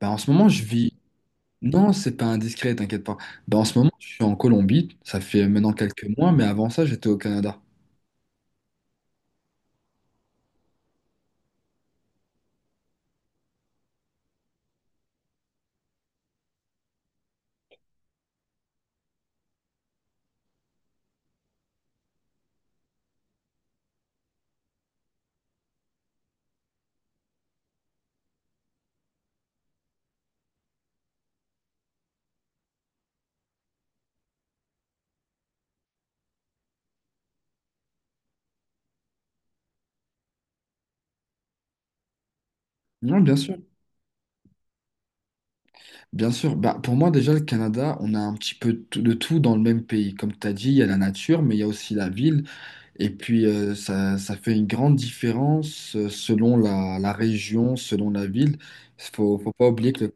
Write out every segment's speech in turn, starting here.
Bah, en ce moment, je vis. Non, c'est pas indiscret, t'inquiète pas. Bah, en ce moment, je suis en Colombie. Ça fait maintenant quelques mois, mais avant ça, j'étais au Canada. Non, bien sûr. Bien sûr. Bah, pour moi, déjà, le Canada, on a un petit peu de tout dans le même pays. Comme tu as dit, il y a la nature, mais il y a aussi la ville. Et puis, ça, ça fait une grande différence selon la région, selon la ville. Faut pas oublier que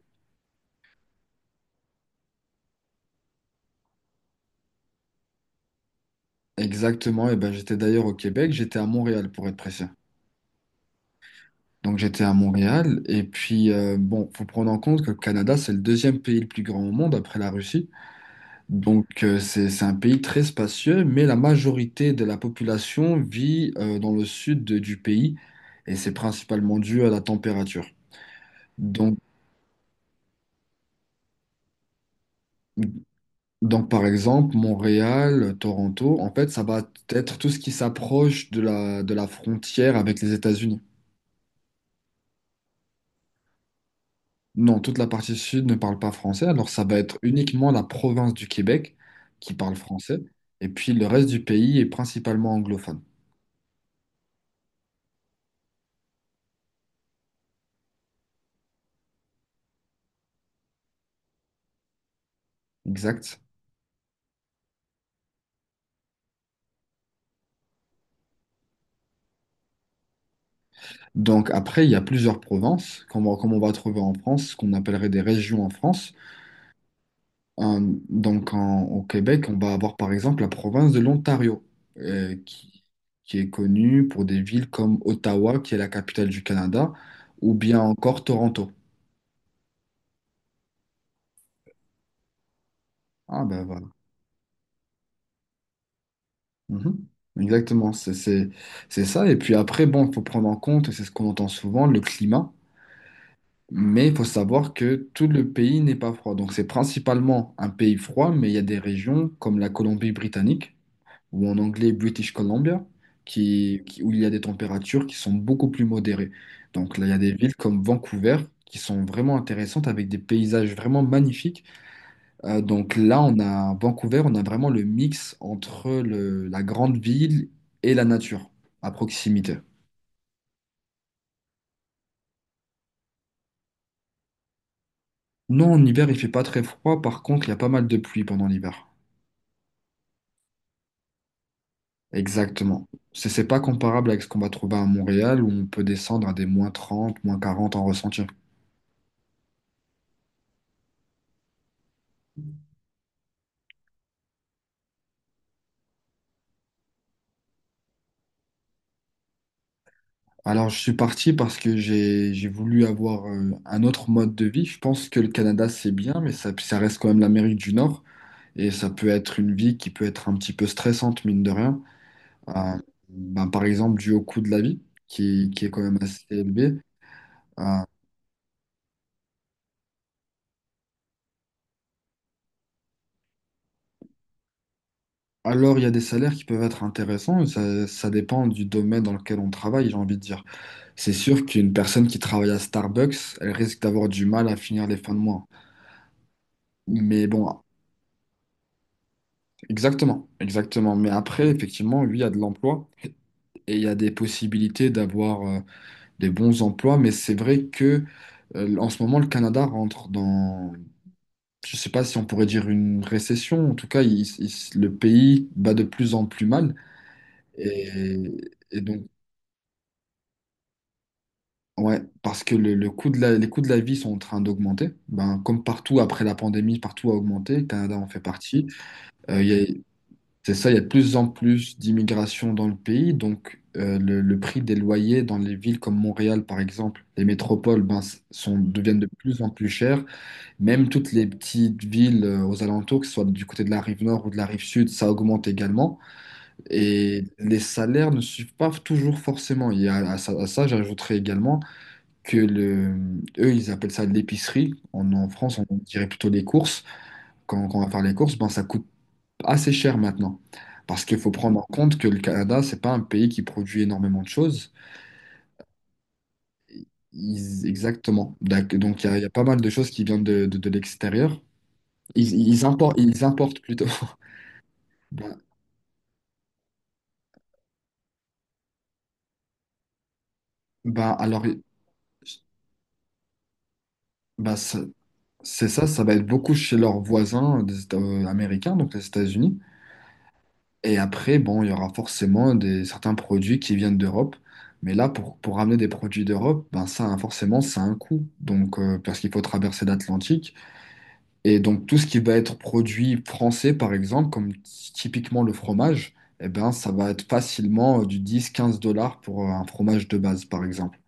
exactement, et ben, j'étais d'ailleurs au Québec, j'étais à Montréal, pour être précis. Donc j'étais à Montréal. Et puis, bon, faut prendre en compte que le Canada, c'est le deuxième pays le plus grand au monde après la Russie. Donc c'est, un pays très spacieux, mais la majorité de la population vit dans le sud du pays. Et c'est principalement dû à la température. Donc, donc, par exemple, Montréal, Toronto, en fait, ça va être tout ce qui s'approche de la frontière avec les États-Unis. Non, toute la partie sud ne parle pas français, alors ça va être uniquement la province du Québec qui parle français, et puis le reste du pays est principalement anglophone. Exact. Donc après, il y a plusieurs provinces, comme on va trouver en France, ce qu'on appellerait des régions en France. Euh, donc au Québec, on va avoir par exemple la province de l'Ontario, euh, qui, qui est connue pour des villes comme Ottawa, qui est la capitale du Canada, ou bien encore Toronto. Ah ben voilà. Mhm. Exactement, c'est ça. Et puis après, bon, il faut prendre en compte, et c'est ce qu'on entend souvent, le climat. Mais il faut savoir que tout le pays n'est pas froid. Donc c'est principalement un pays froid, mais il y a des régions comme la Colombie-Britannique, ou en anglais British Columbia, où il y a des températures qui sont beaucoup plus modérées. Donc là, il y a des villes comme Vancouver qui sont vraiment intéressantes avec des paysages vraiment magnifiques donc là, on a Vancouver, on a vraiment le mix entre la grande ville et la nature à proximité. Non, en hiver, il fait pas très froid. Par contre, il y a pas mal de pluie pendant l'hiver. Exactement. C'est pas comparable avec ce qu'on va trouver à Montréal où on peut descendre à des -30, -40 en ressenti. Alors, je suis parti parce que j'ai voulu avoir un autre mode de vie. Je pense que le Canada, c'est bien, mais ça reste quand même l'Amérique du Nord et ça peut être une vie qui peut être un petit peu stressante, mine de rien. Euh, ben, par exemple, dû au coût de la vie, qui est quand même assez élevé. Euh, alors, il y a des salaires qui peuvent être intéressants, ça dépend du domaine dans lequel on travaille, j'ai envie de dire. C'est sûr qu'une personne qui travaille à Starbucks, elle risque d'avoir du mal à finir les fins de mois. Mais bon, exactement, exactement. Mais après, effectivement, lui, il y a de l'emploi et il y a des possibilités d'avoir des bons emplois, mais c'est vrai que en ce moment, le Canada rentre dans, je sais pas si on pourrait dire une récession, en tout cas, le pays bat de plus en plus mal. Et, et donc, ouais, parce que le coût de la, les coûts de la vie sont en train d'augmenter. Ben, comme partout, après la pandémie, partout a augmenté, le Canada en fait partie. Euh, il y a- c'est ça, il y a de plus en plus d'immigration dans le pays, donc le prix des loyers dans les villes comme Montréal, par exemple, les métropoles, ben, deviennent de plus en plus chers. Même toutes les petites villes aux alentours, que ce soit du côté de la rive nord ou de la rive sud, ça augmente également. Et les salaires ne suivent pas toujours forcément. Il y a, à ça, j'ajouterais également que le, eux, ils appellent ça l'épicerie. En France, on dirait plutôt les courses. Quand on va faire les courses, ben, ça coûte assez cher maintenant. Parce qu'il faut prendre en compte que le Canada, c'est pas un pays qui produit énormément de choses. Exactement. Donc, il y a pas mal de choses qui viennent de l'extérieur. Ils importent plutôt. Bah alors, bah ça- c'est ça, ça va être beaucoup chez leurs voisins américains, donc les États-Unis. Et après, bon, il y aura forcément certains produits qui viennent d'Europe. Mais là, pour ramener des produits d'Europe, ben ça, hein, forcément, ça a un coût. Donc, parce qu'il faut traverser l'Atlantique. Et donc, tout ce qui va être produit français, par exemple, comme typiquement le fromage, eh ben, ça va être facilement du 10, 15 dollars pour un fromage de base, par exemple.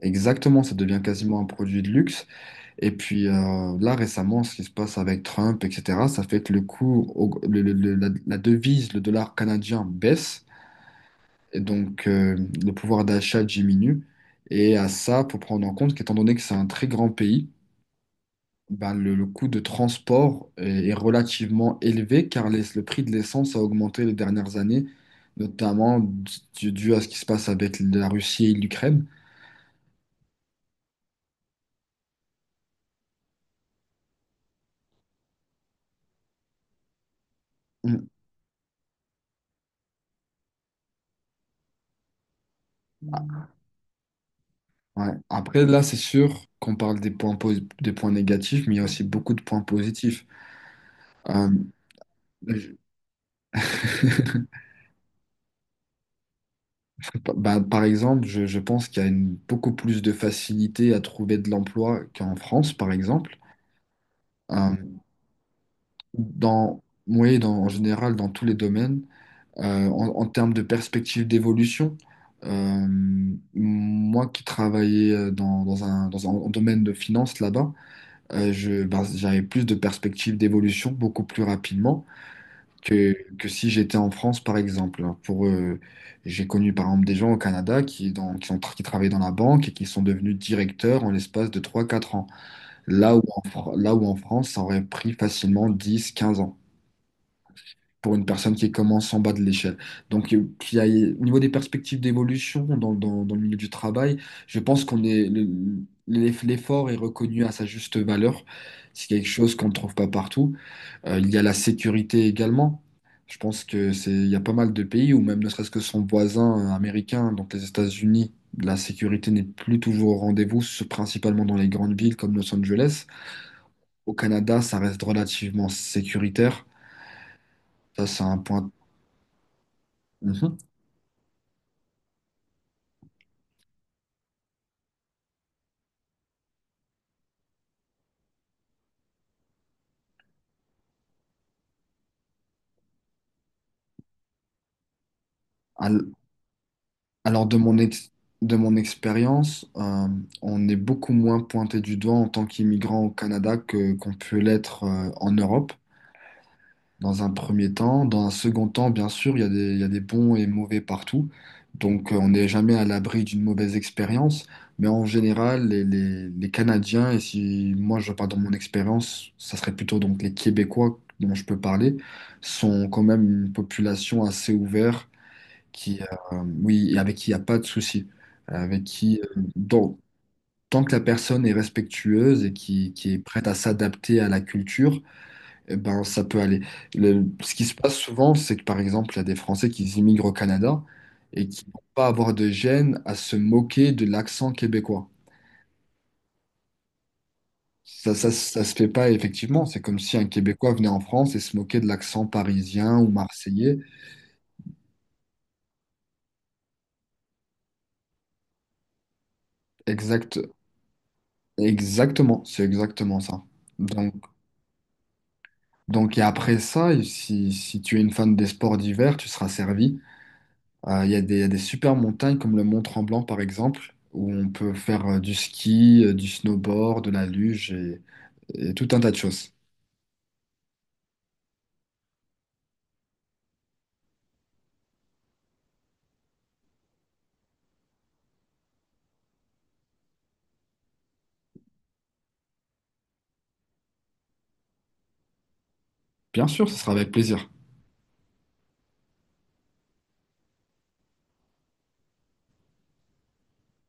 Exactement, ça devient quasiment un produit de luxe. Et puis là, récemment, ce qui se passe avec Trump, etc., ça fait que le cours, au- le- la devise, le dollar canadien baisse, et donc le pouvoir d'achat diminue. Et à ça, pour prendre en compte qu'étant donné que c'est un très grand pays, ben, le coût de transport est relativement élevé car le prix de l'essence a augmenté les dernières années, notamment dû à ce qui se passe avec la Russie et l'Ukraine. Ouais. Après, là, c'est sûr qu'on parle des points négatifs, mais il y a aussi beaucoup de points positifs. Euh, je- bah, par exemple, je pense qu'il y a beaucoup plus de facilité à trouver de l'emploi qu'en France, par exemple. Euh, dans, oui, en général, dans tous les domaines, En termes de perspective d'évolution, euh, moi qui travaillais dans un domaine de finance là-bas, bah, j'avais plus de perspectives d'évolution beaucoup plus rapidement. Que si j'étais en France, par exemple. Alors, j'ai connu par exemple des gens au Canada qui travaillaient dans la banque et qui sont devenus directeurs en l'espace de 3 4 ans. Là où en France, ça aurait pris facilement 10 15 ans pour une personne qui commence en bas de l'échelle. Donc, au niveau des perspectives d'évolution dans le milieu du travail, je pense qu'on est, l'effort est reconnu à sa juste valeur. C'est quelque chose qu'on ne trouve pas partout. Il y a la sécurité également. Je pense que il y a pas mal de pays, ou même ne serait-ce que son voisin américain, donc les États-Unis, la sécurité n'est plus toujours au rendez-vous, principalement dans les grandes villes comme Los Angeles. Au Canada, ça reste relativement sécuritaire. Ça, c'est un point. Mhm. Al- Alors, de mon expérience, on est beaucoup moins pointé du doigt en tant qu'immigrant au Canada que qu'on peut l'être en Europe. Dans un premier temps. Dans un second temps, bien sûr, il y a des bons et mauvais partout. Donc, on n'est jamais à l'abri d'une mauvaise expérience. Mais en général, les Canadiens, et si moi je parle dans mon expérience, ça serait plutôt donc les Québécois dont je peux parler, sont quand même une population assez ouverte, qui, euh, oui, et avec qui il n'y a pas de souci. Avec qui, donc, tant que la personne est respectueuse et qui est prête à s'adapter à la culture, eh ben, ça peut aller. Ce qui se passe souvent, c'est que par exemple, il y a des Français qui immigrent au Canada et qui vont pas avoir de gêne à se moquer de l'accent québécois. Ça se fait pas effectivement. C'est comme si un Québécois venait en France et se moquait de l'accent parisien ou marseillais. Exact, exactement, c'est exactement ça. Donc, donc et après ça, si tu es une fan des sports d'hiver, tu seras servi. Il y a des, il y a des super montagnes comme le Mont Tremblant par exemple, où on peut faire du ski, du snowboard, de la luge et tout un tas de choses. Bien sûr, ce sera avec plaisir.